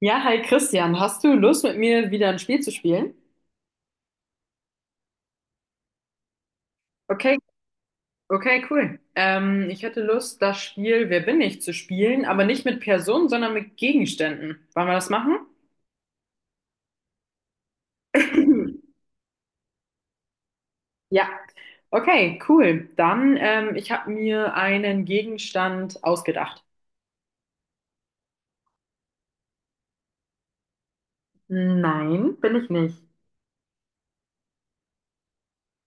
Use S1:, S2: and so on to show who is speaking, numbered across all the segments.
S1: Ja, hi Christian, hast du Lust mit mir wieder ein Spiel zu spielen? Okay, okay, cool. Ich hätte Lust, das Spiel Wer bin ich zu spielen, aber nicht mit Personen, sondern mit Gegenständen. Wollen wir das machen? Ja, okay, cool. Dann, ich habe mir einen Gegenstand ausgedacht. Nein, bin ich nicht.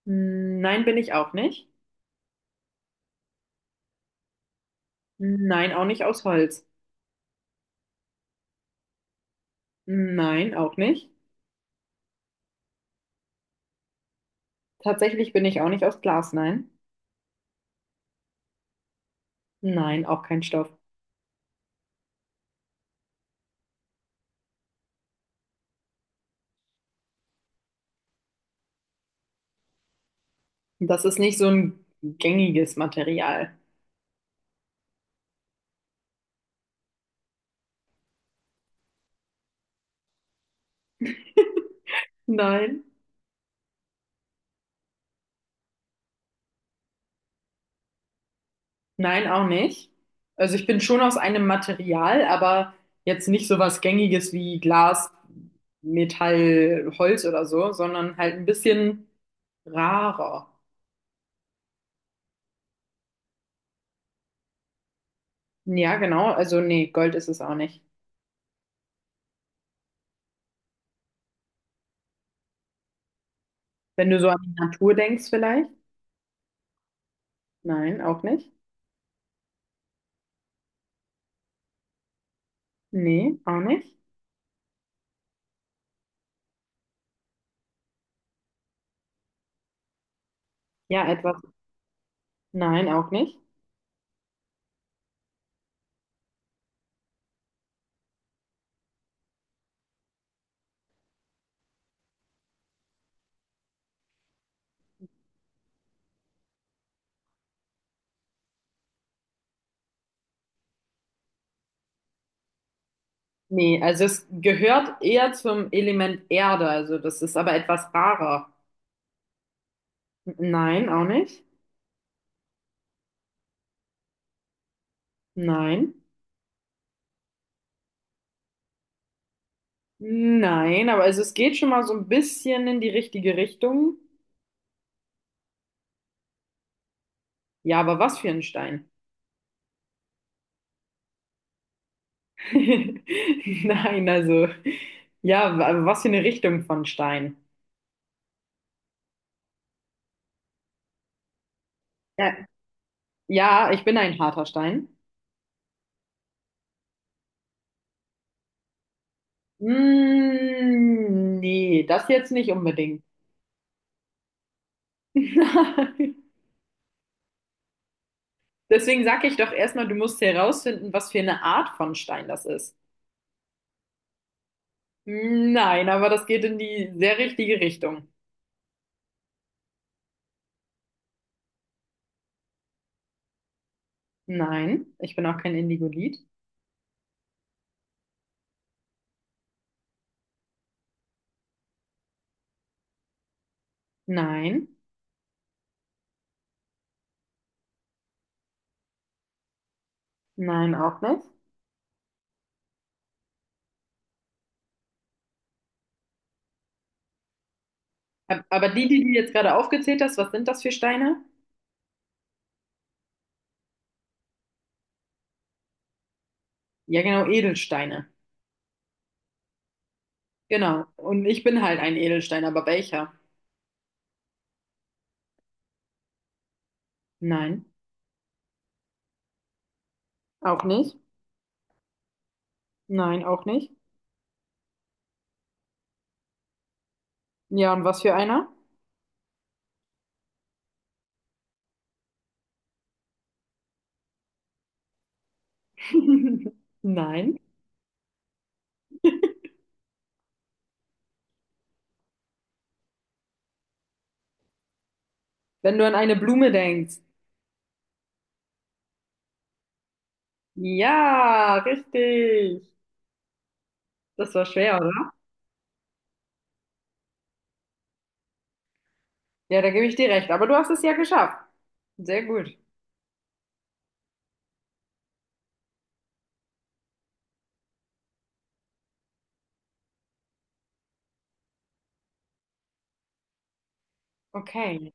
S1: Nein, bin ich auch nicht. Nein, auch nicht aus Holz. Nein, auch nicht. Tatsächlich bin ich auch nicht aus Glas, nein. Nein, auch kein Stoff. Das ist nicht so ein gängiges Material. Nein. Nein, auch nicht. Also ich bin schon aus einem Material, aber jetzt nicht so was Gängiges wie Glas, Metall, Holz oder so, sondern halt ein bisschen rarer. Ja, genau. Also nee, Gold ist es auch nicht. Wenn du so an die Natur denkst vielleicht? Nein, auch nicht. Nee, auch nicht. Ja, etwas. Nein, auch nicht. Nee, also es gehört eher zum Element Erde, also das ist aber etwas rarer. Nein, auch nicht. Nein. Nein, aber also es geht schon mal so ein bisschen in die richtige Richtung. Ja, aber was für ein Stein? Nein, also ja, aber was für eine Richtung von Stein? Ja, ja, ich bin ein harter Stein. Mm, nee, das jetzt nicht unbedingt. Nein. Deswegen sage ich doch erstmal, du musst herausfinden, was für eine Art von Stein das ist. Hm, nein, aber das geht in die sehr richtige Richtung. Nein, ich bin auch kein Indigolit. Nein, nein, auch nicht. Aber die, die du jetzt gerade aufgezählt hast, was sind das für Steine? Ja, genau, Edelsteine. Genau. Und ich bin halt ein Edelstein, aber welcher? Nein, auch nicht. Nein, auch nicht. Ja, und was für einer? Nein. Wenn du an eine Blume denkst. Ja, richtig. Das war schwer, oder? Ja, da gebe ich dir recht. Aber du hast es ja geschafft. Sehr gut. Okay.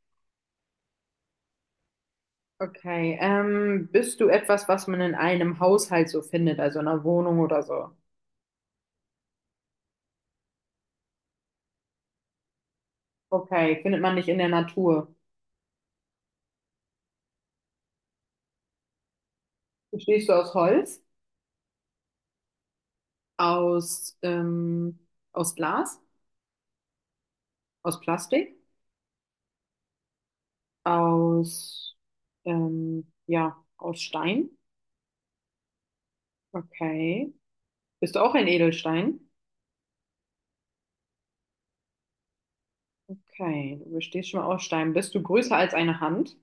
S1: Okay, bist du etwas, was man in einem Haushalt so findet, also in einer Wohnung oder so? Okay, findet man nicht in der Natur. Bestehst du aus Holz, aus, aus Glas, aus Plastik, aus, ja, aus Stein? Okay. Bist du auch ein Edelstein? Okay, du bestehst schon mal aus Stein. Bist du größer als eine Hand?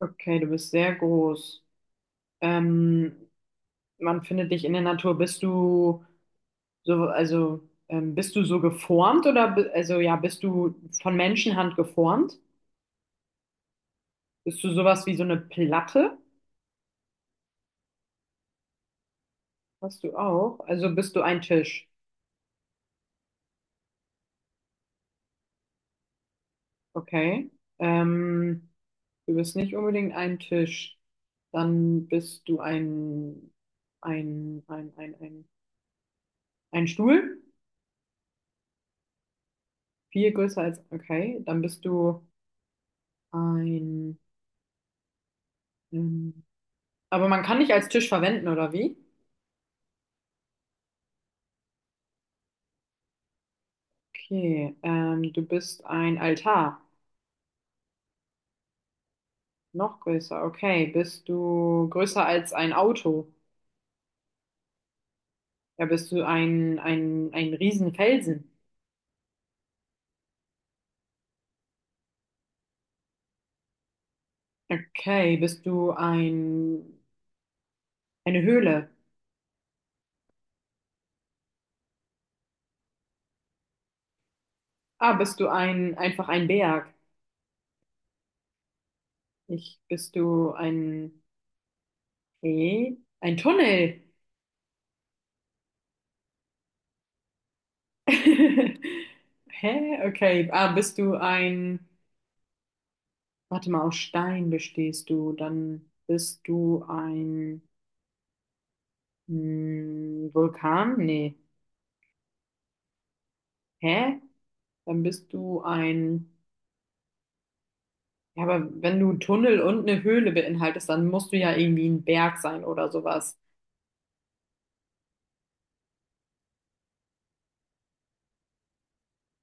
S1: Okay, du bist sehr groß. Ähm, man findet dich in der Natur. Bist du so, also bist du so geformt oder also ja, bist du von Menschenhand geformt? Bist du sowas wie so eine Platte? Hast du auch? Also bist du ein Tisch. Okay. Ähm, du bist nicht unbedingt ein Tisch. Dann bist du ein ein ein ein, ein Stuhl. Viel größer als okay. Dann bist du ein ähm, aber man kann dich als Tisch verwenden, oder wie? Okay. Du bist ein Altar. Noch größer, okay. Bist du größer als ein Auto? Ja, bist du ein Riesenfelsen? Okay, bist du ein, eine Höhle? Ah, bist du ein, einfach ein Berg? Ich, bist du ein, eh, ein Tunnel? Hä? Okay. Ah, bist du ein, warte mal, aus Stein bestehst du, dann bist du ein, hm, Vulkan? Nee. Hä? Dann bist du ein, ja, aber wenn du einen Tunnel und eine Höhle beinhaltest, dann musst du ja irgendwie ein Berg sein oder sowas.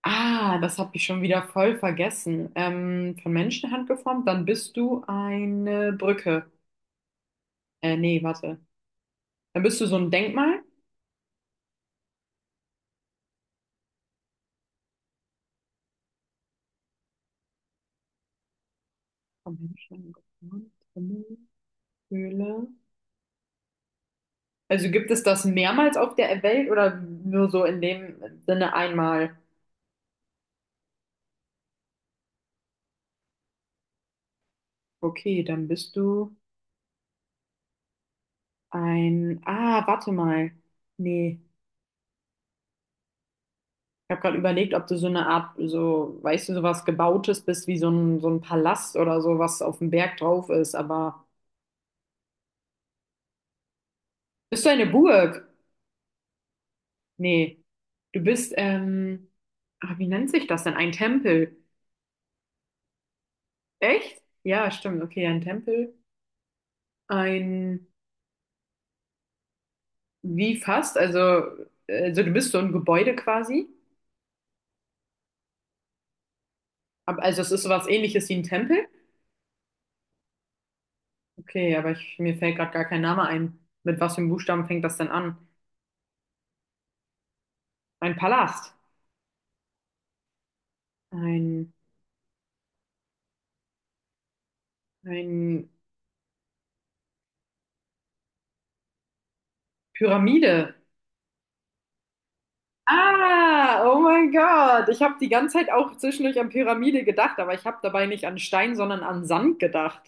S1: Ah, das habe ich schon wieder voll vergessen. Von Menschenhand geformt, dann bist du eine Brücke. Nee, warte. Dann bist du so ein Denkmal. Von Menschenhand geformt, Tunnel, Höhle. Also gibt es das mehrmals auf der Welt oder nur so in dem Sinne einmal? Okay, dann bist du ein. Ah, warte mal. Nee. Ich habe gerade überlegt, ob du so eine Art, so, weißt du, sowas Gebautes bist, wie so ein Palast oder so, was auf dem Berg drauf ist. Aber bist du eine Burg? Nee. Du bist, ah, wie nennt sich das denn? Ein Tempel. Echt? Ja, stimmt. Okay, ein Tempel. Ein, wie fast? Also du bist so ein Gebäude quasi. Also es ist sowas ähnliches wie ein Tempel. Okay, aber ich, mir fällt gerade gar kein Name ein. Mit was für einem Buchstaben fängt das denn an? Ein Palast. Ein, ein Pyramide. Ah, oh mein Gott. Ich habe die ganze Zeit auch zwischendurch an Pyramide gedacht, aber ich habe dabei nicht an Stein, sondern an Sand gedacht.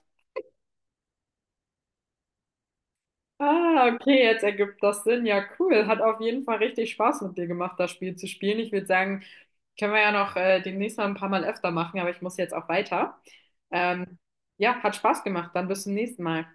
S1: Ah, okay, jetzt ergibt das Sinn. Ja, cool. Hat auf jeden Fall richtig Spaß mit dir gemacht, das Spiel zu spielen. Ich würde sagen, können wir ja noch demnächst mal ein paar Mal öfter machen, aber ich muss jetzt auch weiter. Ähm, ja, hat Spaß gemacht. Dann bis zum nächsten Mal.